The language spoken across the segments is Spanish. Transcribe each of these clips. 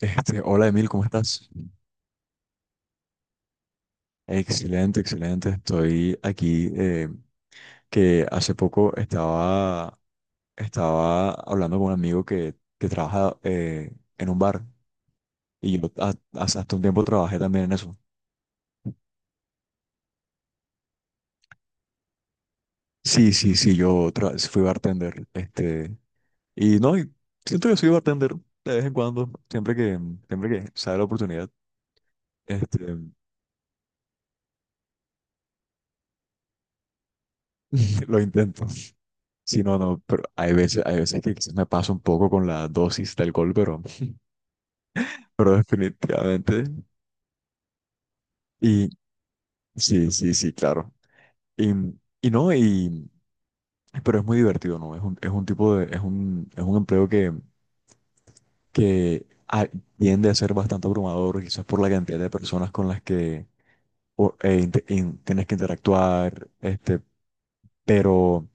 Hola Emil, ¿cómo estás? Excelente, excelente. Estoy aquí, que hace poco estaba hablando con un amigo que trabaja en un bar y yo hace hasta un tiempo trabajé también en eso. Sí, sí, sí, yo fui bartender. Y no, siento que soy bartender de vez en cuando, siempre que sale la oportunidad, este, lo intento. Sí, no, no, pero hay veces que quizás me paso un poco con la dosis de alcohol, pero definitivamente. Y sí, sí, sí, claro. Y, y no, pero es muy divertido, ¿no? Es un, es un empleo que tiende a ser bastante abrumador, quizás por la cantidad de personas con las que tienes que interactuar, pero,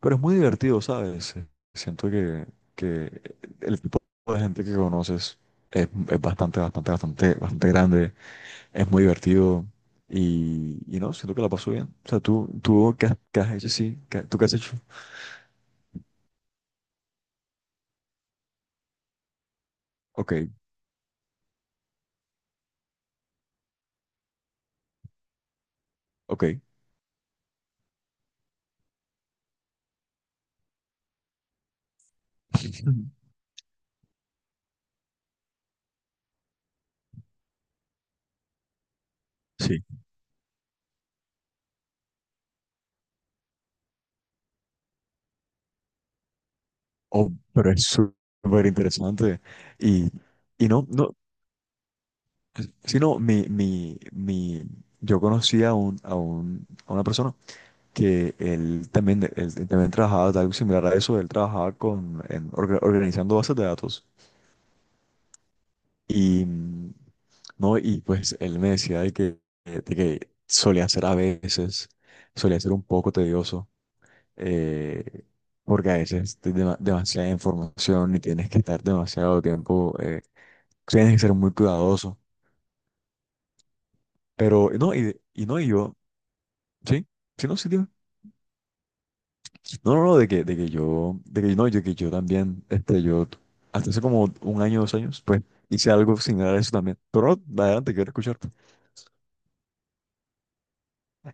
pero es muy divertido, ¿sabes? Siento que el tipo de gente que conoces es bastante, bastante, bastante, bastante grande. Es muy divertido y no, siento que la paso bien. O sea, tú qué has hecho, sí, ¿tú qué has hecho? Ok, ok. Ujú. Sí. Oh, pero es súper interesante. Y, y no, no, sino mi, mi, mi, yo conocí a un, a una persona que él también trabajaba de algo similar a eso, él trabajaba organizando bases de datos. Y, mm, no, y pues él me decía de que solía ser un poco tedioso, eh, porque a veces te demasiada información y tienes que estar demasiado tiempo, tienes que ser muy cuidadoso. Pero no, sí, sí, no, sí, dime. No, no, no, de que yo, de que no, yo que yo también, yo hasta hace como un año, 2 años, pues hice algo similar a eso también. Pero no, adelante, quiero escucharte.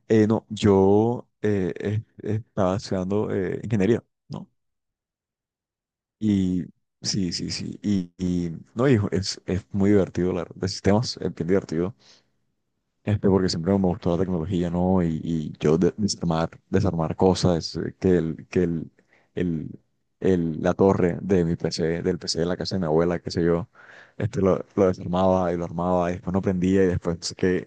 No, yo estaba estudiando ingeniería, ¿no? Y sí, sí, sí. No, hijo, es muy divertido hablar de sistemas, es bien divertido, porque siempre me gustó la tecnología, ¿no? Desarmar cosas, que el, el- la torre de mi PC, del PC de la casa de mi abuela, qué sé yo, lo desarmaba y lo armaba, y después no prendía, y después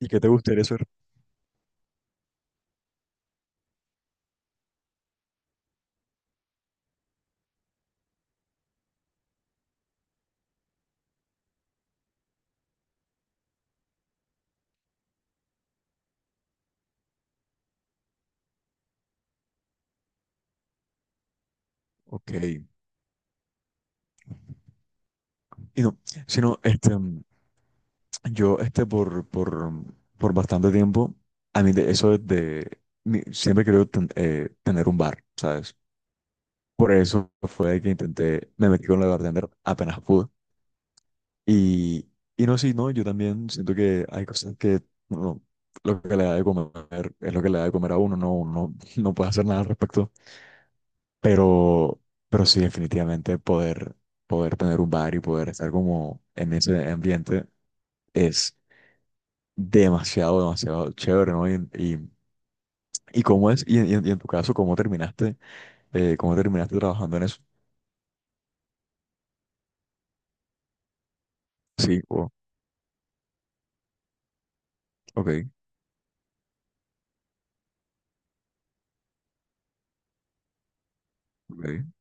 ¿y que te gustaría hacer? Ok. Y no, sino, este. Yo, este, por, por, por bastante tiempo, a mí de, eso es de, mi- siempre quiero tener un bar, ¿sabes? Por eso fue que intenté, me metí con la bartender apenas pude. Y, y no, sí, no, yo también siento que hay cosas no, lo que le da de comer es lo que le da de comer a uno, no, uno no puede hacer nada al respecto. Pero, pero sí, definitivamente poder tener un bar y poder estar como en ese ambiente es demasiado, demasiado chévere, ¿no? Y en tu caso, ¿cómo terminaste trabajando en eso? Sí, o ok, ok,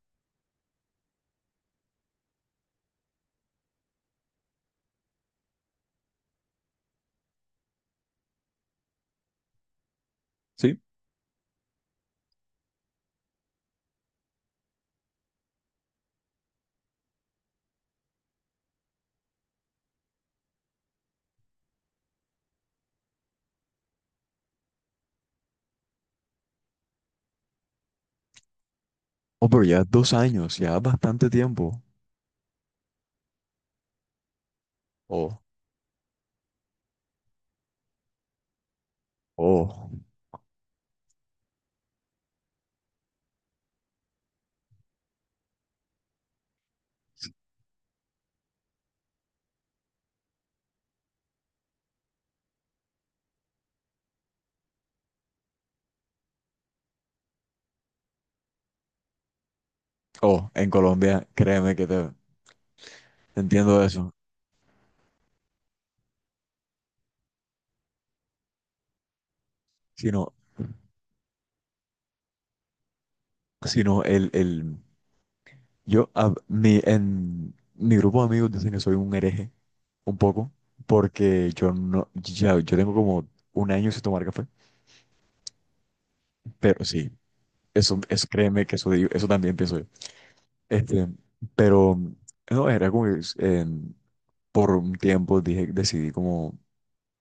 sí. Oh, pero ya dos años, ya bastante tiempo. Oh, oh, oh, en Colombia, créeme que te entiendo eso. Sino, sino el, yo, a mi, En mi grupo de amigos dicen que soy un hereje, un poco, porque yo no, ya, yo tengo como un año sin tomar café, pero sí. Eso, créeme que eso también pienso yo. Este, pero no, era como que por un tiempo decidí como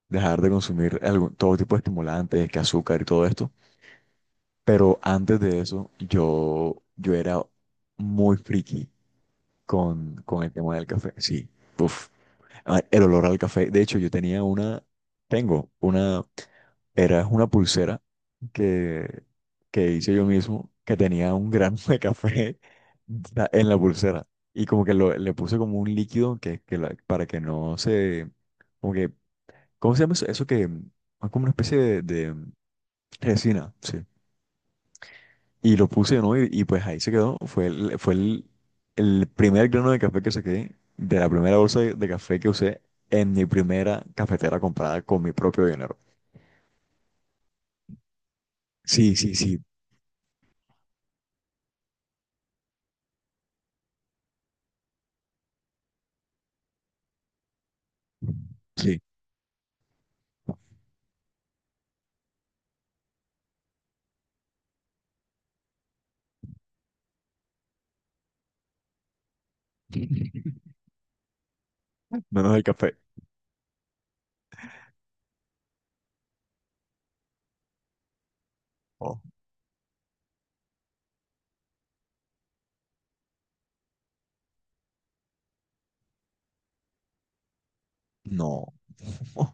dejar de consumir todo tipo de estimulantes, que azúcar y todo esto. Pero antes de eso, yo era muy friki con el tema del café. Sí, uf, ah, el olor al café. De hecho, yo tenía una, tengo una. Era una pulsera que, que hice yo mismo, que tenía un grano de café en la pulsera. Y como que le puse como un líquido para que no se... Como que, ¿cómo se llama eso? Eso que es como una especie de resina, sí. Y lo puse, ¿no? Y pues ahí se quedó. Fue el primer grano de café que saqué de la primera bolsa de café que usé en mi primera cafetera comprada con mi propio dinero. Sí, sí, sí, sí. Menos el café. No.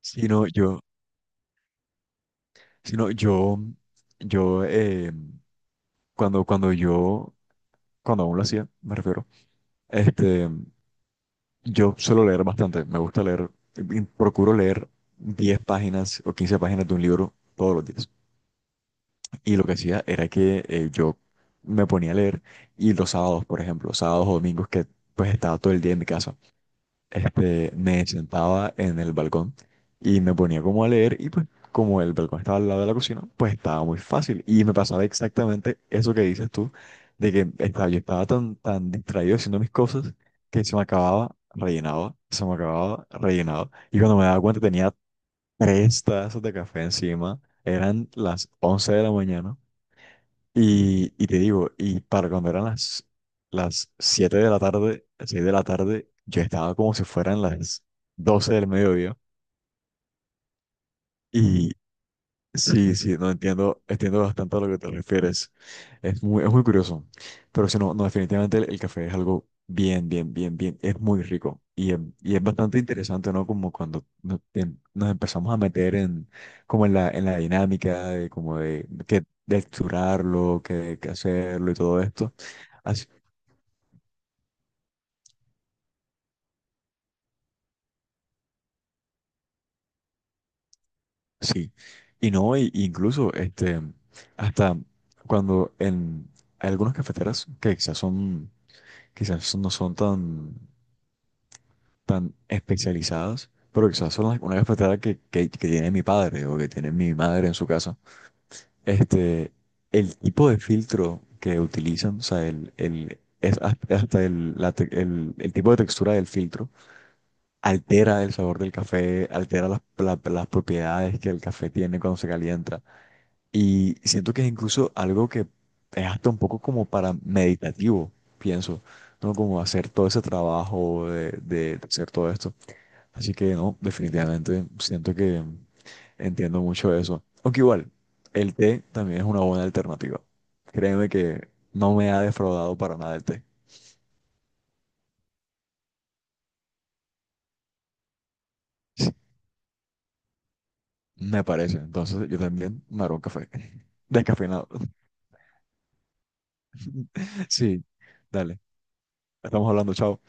Sino yo, sino yo, yo, eh, cuando, cuando yo, cuando aún lo hacía, me refiero, este, yo suelo leer bastante, me gusta leer, y procuro leer 10 páginas o 15 páginas de un libro todos los días. Y lo que hacía era que yo me ponía a leer y los sábados, por ejemplo, sábados o domingos que pues estaba todo el día en mi casa, me sentaba en el balcón y me ponía como a leer y pues como el balcón estaba al lado de la cocina, pues estaba muy fácil y me pasaba exactamente eso que dices tú, de que estaba, yo estaba tan, tan distraído haciendo mis cosas que se me acababa, rellenaba, se me acababa, rellenaba y cuando me daba cuenta tenía 3 tazas de café encima, eran las 11 de la mañana y te digo, y para cuando eran las 7 de la tarde, 6 de la tarde, yo estaba como si fueran las 12 del mediodía. Y sí, sí, no entiendo, entiendo bastante a lo que te refieres. Es muy curioso. Pero si no, no, definitivamente el café es algo bien, bien, bien, bien, es muy rico. Y es bastante interesante, ¿no? Como cuando nos empezamos a meter en la dinámica de texturarlo, que hacerlo y todo esto. Sí, y no, incluso hasta cuando en hay algunas cafeteras quizás no son tan, tan especializadas, pero quizás son una cafetera que tiene mi padre o que tiene mi madre en su casa, este, el tipo de filtro que utilizan, o sea, es hasta el, la te- el tipo de textura del filtro altera el sabor del café, altera las propiedades que el café tiene cuando se calienta. Y siento que es incluso algo que es hasta un poco como para meditativo, pienso, ¿no? Como hacer todo ese trabajo de hacer todo esto. Así que no, definitivamente siento que entiendo mucho eso. Aunque igual, el té también es una buena alternativa. Créeme que no me ha defraudado para nada el té. Me parece. Entonces yo también me haré un café. Descafeinado. Sí, dale. Estamos hablando, chao.